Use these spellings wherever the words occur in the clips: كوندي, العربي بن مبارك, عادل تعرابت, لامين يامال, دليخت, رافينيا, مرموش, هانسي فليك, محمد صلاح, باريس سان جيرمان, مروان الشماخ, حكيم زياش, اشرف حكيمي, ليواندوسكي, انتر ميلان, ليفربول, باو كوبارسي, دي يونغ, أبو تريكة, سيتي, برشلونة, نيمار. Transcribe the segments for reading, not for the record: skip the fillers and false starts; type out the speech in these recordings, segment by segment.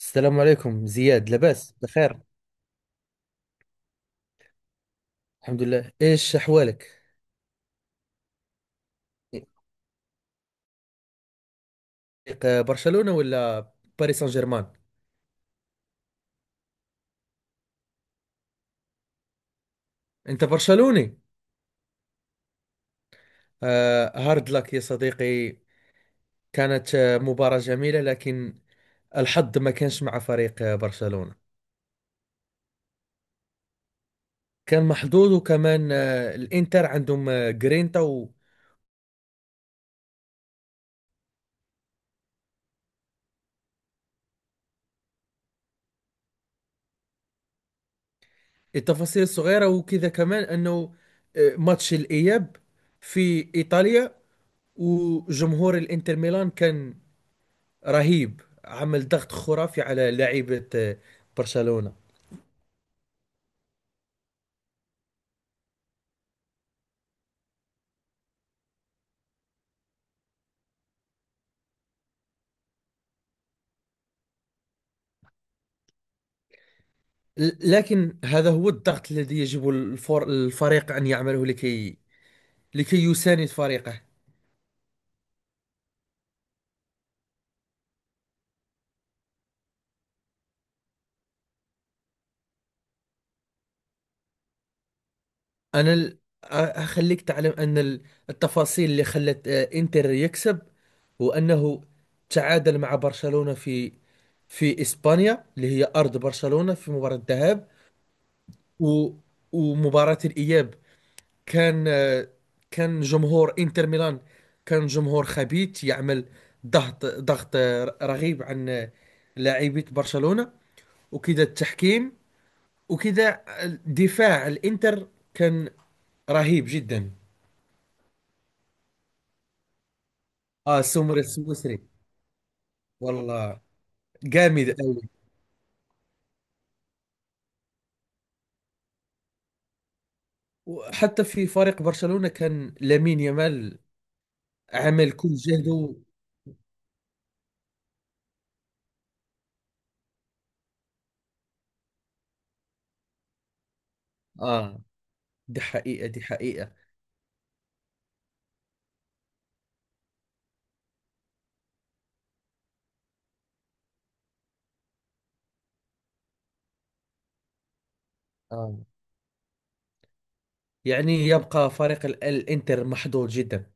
السلام عليكم زياد، لاباس بخير. الحمد لله، ايش احوالك؟ فريق برشلونة ولا باريس سان جيرمان؟ انت برشلوني؟ هارد لك يا صديقي. كانت مباراة جميلة، لكن الحظ ما كانش مع فريق برشلونة. كان محظوظ، وكمان الانتر عندهم جرينتا. والتفاصيل الصغيرة، وكذا كمان انه ماتش الاياب في ايطاليا، وجمهور الانتر ميلان كان رهيب، عمل ضغط خرافي على لاعيبة برشلونة. لكن هذا هو الضغط الذي يجب الفور الفريق أن يعمله لكي يساند فريقه. أنا ال- أخليك تعلم أن التفاصيل اللي خلت إنتر يكسب هو أنه تعادل مع برشلونة في إسبانيا اللي هي أرض برشلونة في مباراة الذهاب. و- ومباراة الإياب كان كان جمهور انتر ميلان، كان جمهور خبيث يعمل ضغط رغيب عن لاعبية برشلونة، وكذا التحكيم، وكذا دفاع الانتر كان رهيب جدا. اه، سمر السويسري والله جامد قوي. وحتى في فريق برشلونة، كان لامين يامال عمل كل جهده. اه، دي حقيقة دي حقيقة. آه. يعني يبقى فريق الانتر محظوظ جدا.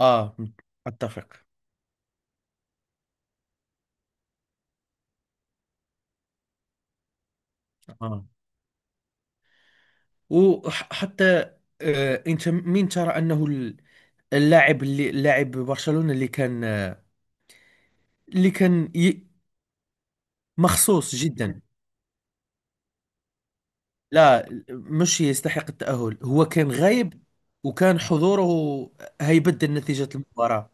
آه، أتفق. آه وحتى أنت مين ترى أنه اللاعب اللي لاعب برشلونة اللي كان اللي كان ي... مخصوص جدا؟ لا، مش يستحق التأهل، هو كان غايب، وكان حضوره هيبدل نتيجة المباراة.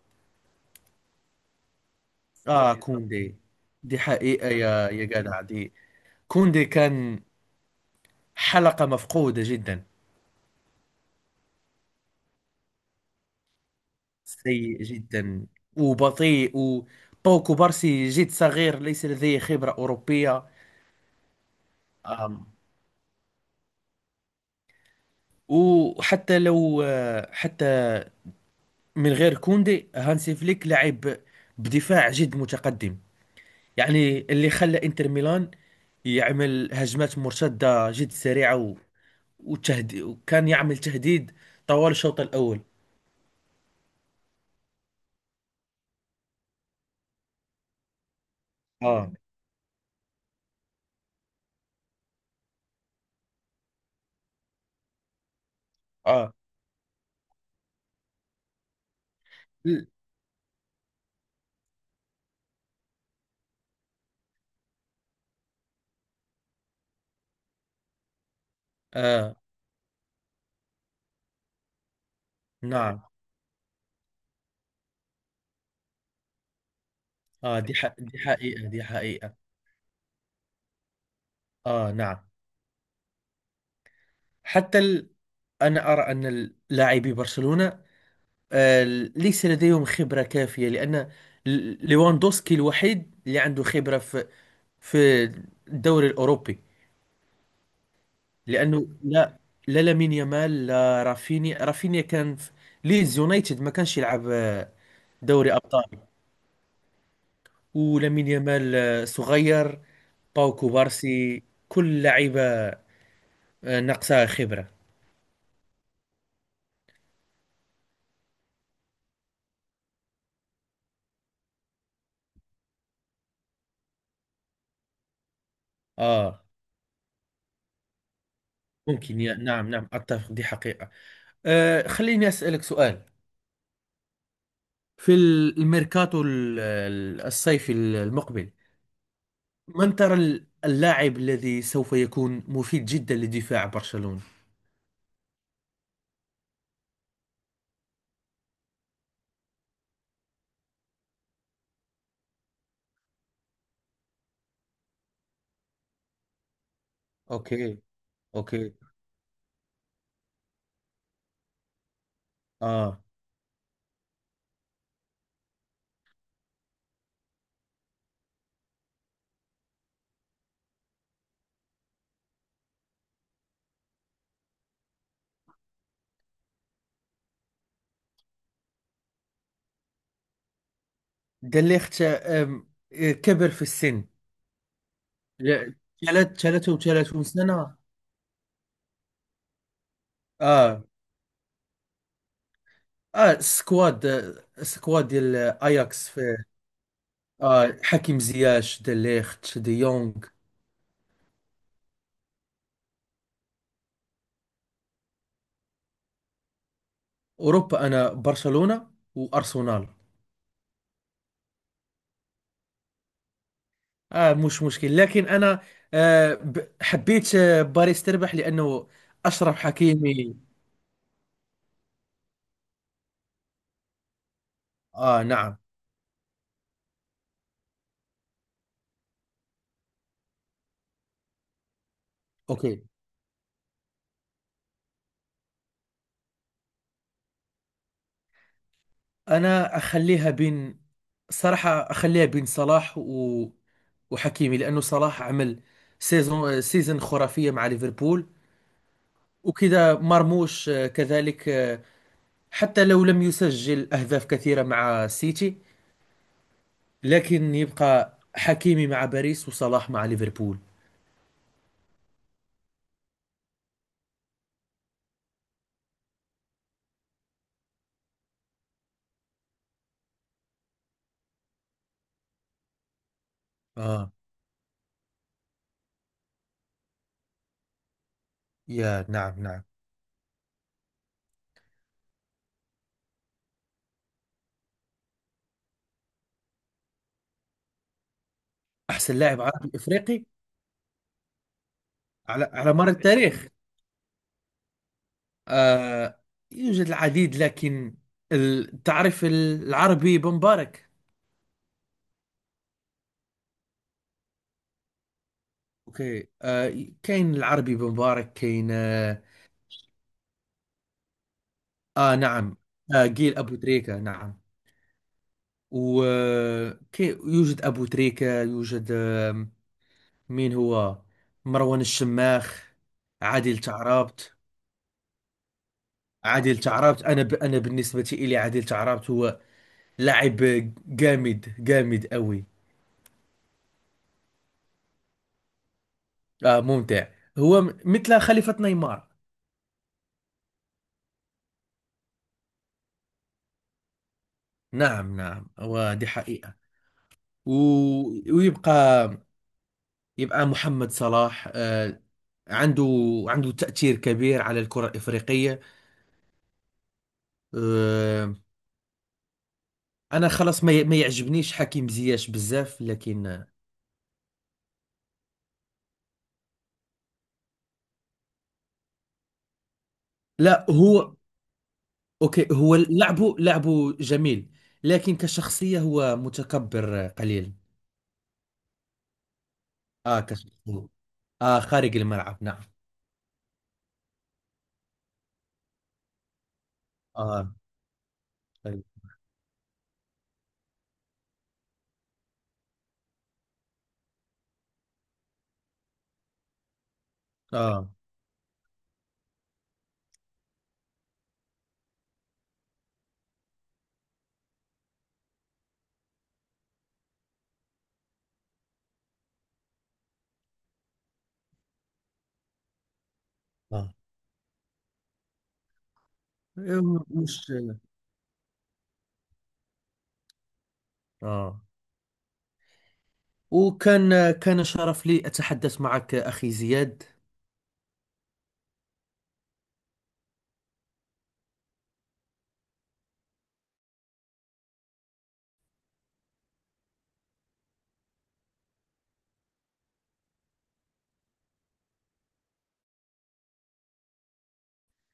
آه، كوندي. دي حقيقة يا جدع دي. كوندي كان حلقة مفقودة جدا. سيء جدا وبطيء، وبوكو بارسي جد صغير ليس لديه خبرة أوروبية. أم، وحتى لو حتى من غير كوندي، هانسي فليك لعب بدفاع جد متقدم، يعني اللي خلى انتر ميلان يعمل هجمات مرتدة جد سريعة وكان يعمل تهديد طوال الشوط الأول. اه، اه، ل- اه، نعم، اه، دي حقيقة دي حقيقة. اه، نعم. حتى ال... أنا أرى أن لاعبي برشلونة آه، ليس لديهم خبرة كافية، لأن ليواندوسكي الوحيد اللي عنده خبرة في في الدوري الأوروبي، لأنه لا لامين يامال، لا رافينيا كان في ليدز يونايتد، ما كانش يلعب دوري أبطال. ولامين يامال صغير، باو كوبارسي، كل لعيبة ناقصها خبرة. آه ممكن نعم نعم، أتفق، دي حقيقة. خليني أسألك سؤال. في الميركاتو الصيفي المقبل، من ترى اللاعب الذي سوف يكون مفيد جدا لدفاع برشلونة؟ اوكي. اوكي. اه، دليخت كبر في السن، ل- 33 سنة. اه، اه، سكواد ديال اياكس في. اه، حكيم زياش، دليخت، دي يونغ. اوروبا، انا برشلونة وارسنال. اه، مش مشكل، لكن انا حبيت باريس تربح لانه اشرف حكيمي. اه، نعم. اوكي، انا اخليها بين، صراحة اخليها بين صلاح وحكيمي، لانه صلاح عمل سيزون خرافية مع ليفربول، وكذا مرموش، آه كذلك، حتى لو لم يسجل اهداف كثيرة مع سيتي، لكن يبقى حكيمي مع باريس وصلاح مع ليفربول. اه، يا نعم نعم. أحسن لاعب عربي إفريقي على مر التاريخ. آه يوجد العديد، لكن تعرف العربي بن مبارك؟ أوكي، كاين العربي بن مبارك، كاين آه نعم. آه، جيل أبو تريكة، نعم. ويوجد أبو تريكة، يوجد مين هو مروان الشماخ، عادل تعرابت. عادل تعرابت، أنا أنا بالنسبة إلي عادل تعرابت هو لاعب جامد جامد قوي. آه، ممتع. هو مثل خليفة نيمار. نعم نعم، ودي حقيقة. و... ويبقى محمد صلاح عنده تأثير كبير على الكرة الإفريقية. آه. أنا خلاص ما يعجبنيش حكيم زياش بزاف، لكن لا. هو، أوكي، هو لعبه جميل، لكن كشخصية هو متكبر قليل. آه، كشخصية، آه، خارج الملعب، نعم. آه. آه, آه. آه. مش اه. وكان، كان شرف لي أتحدث معك أخي زياد.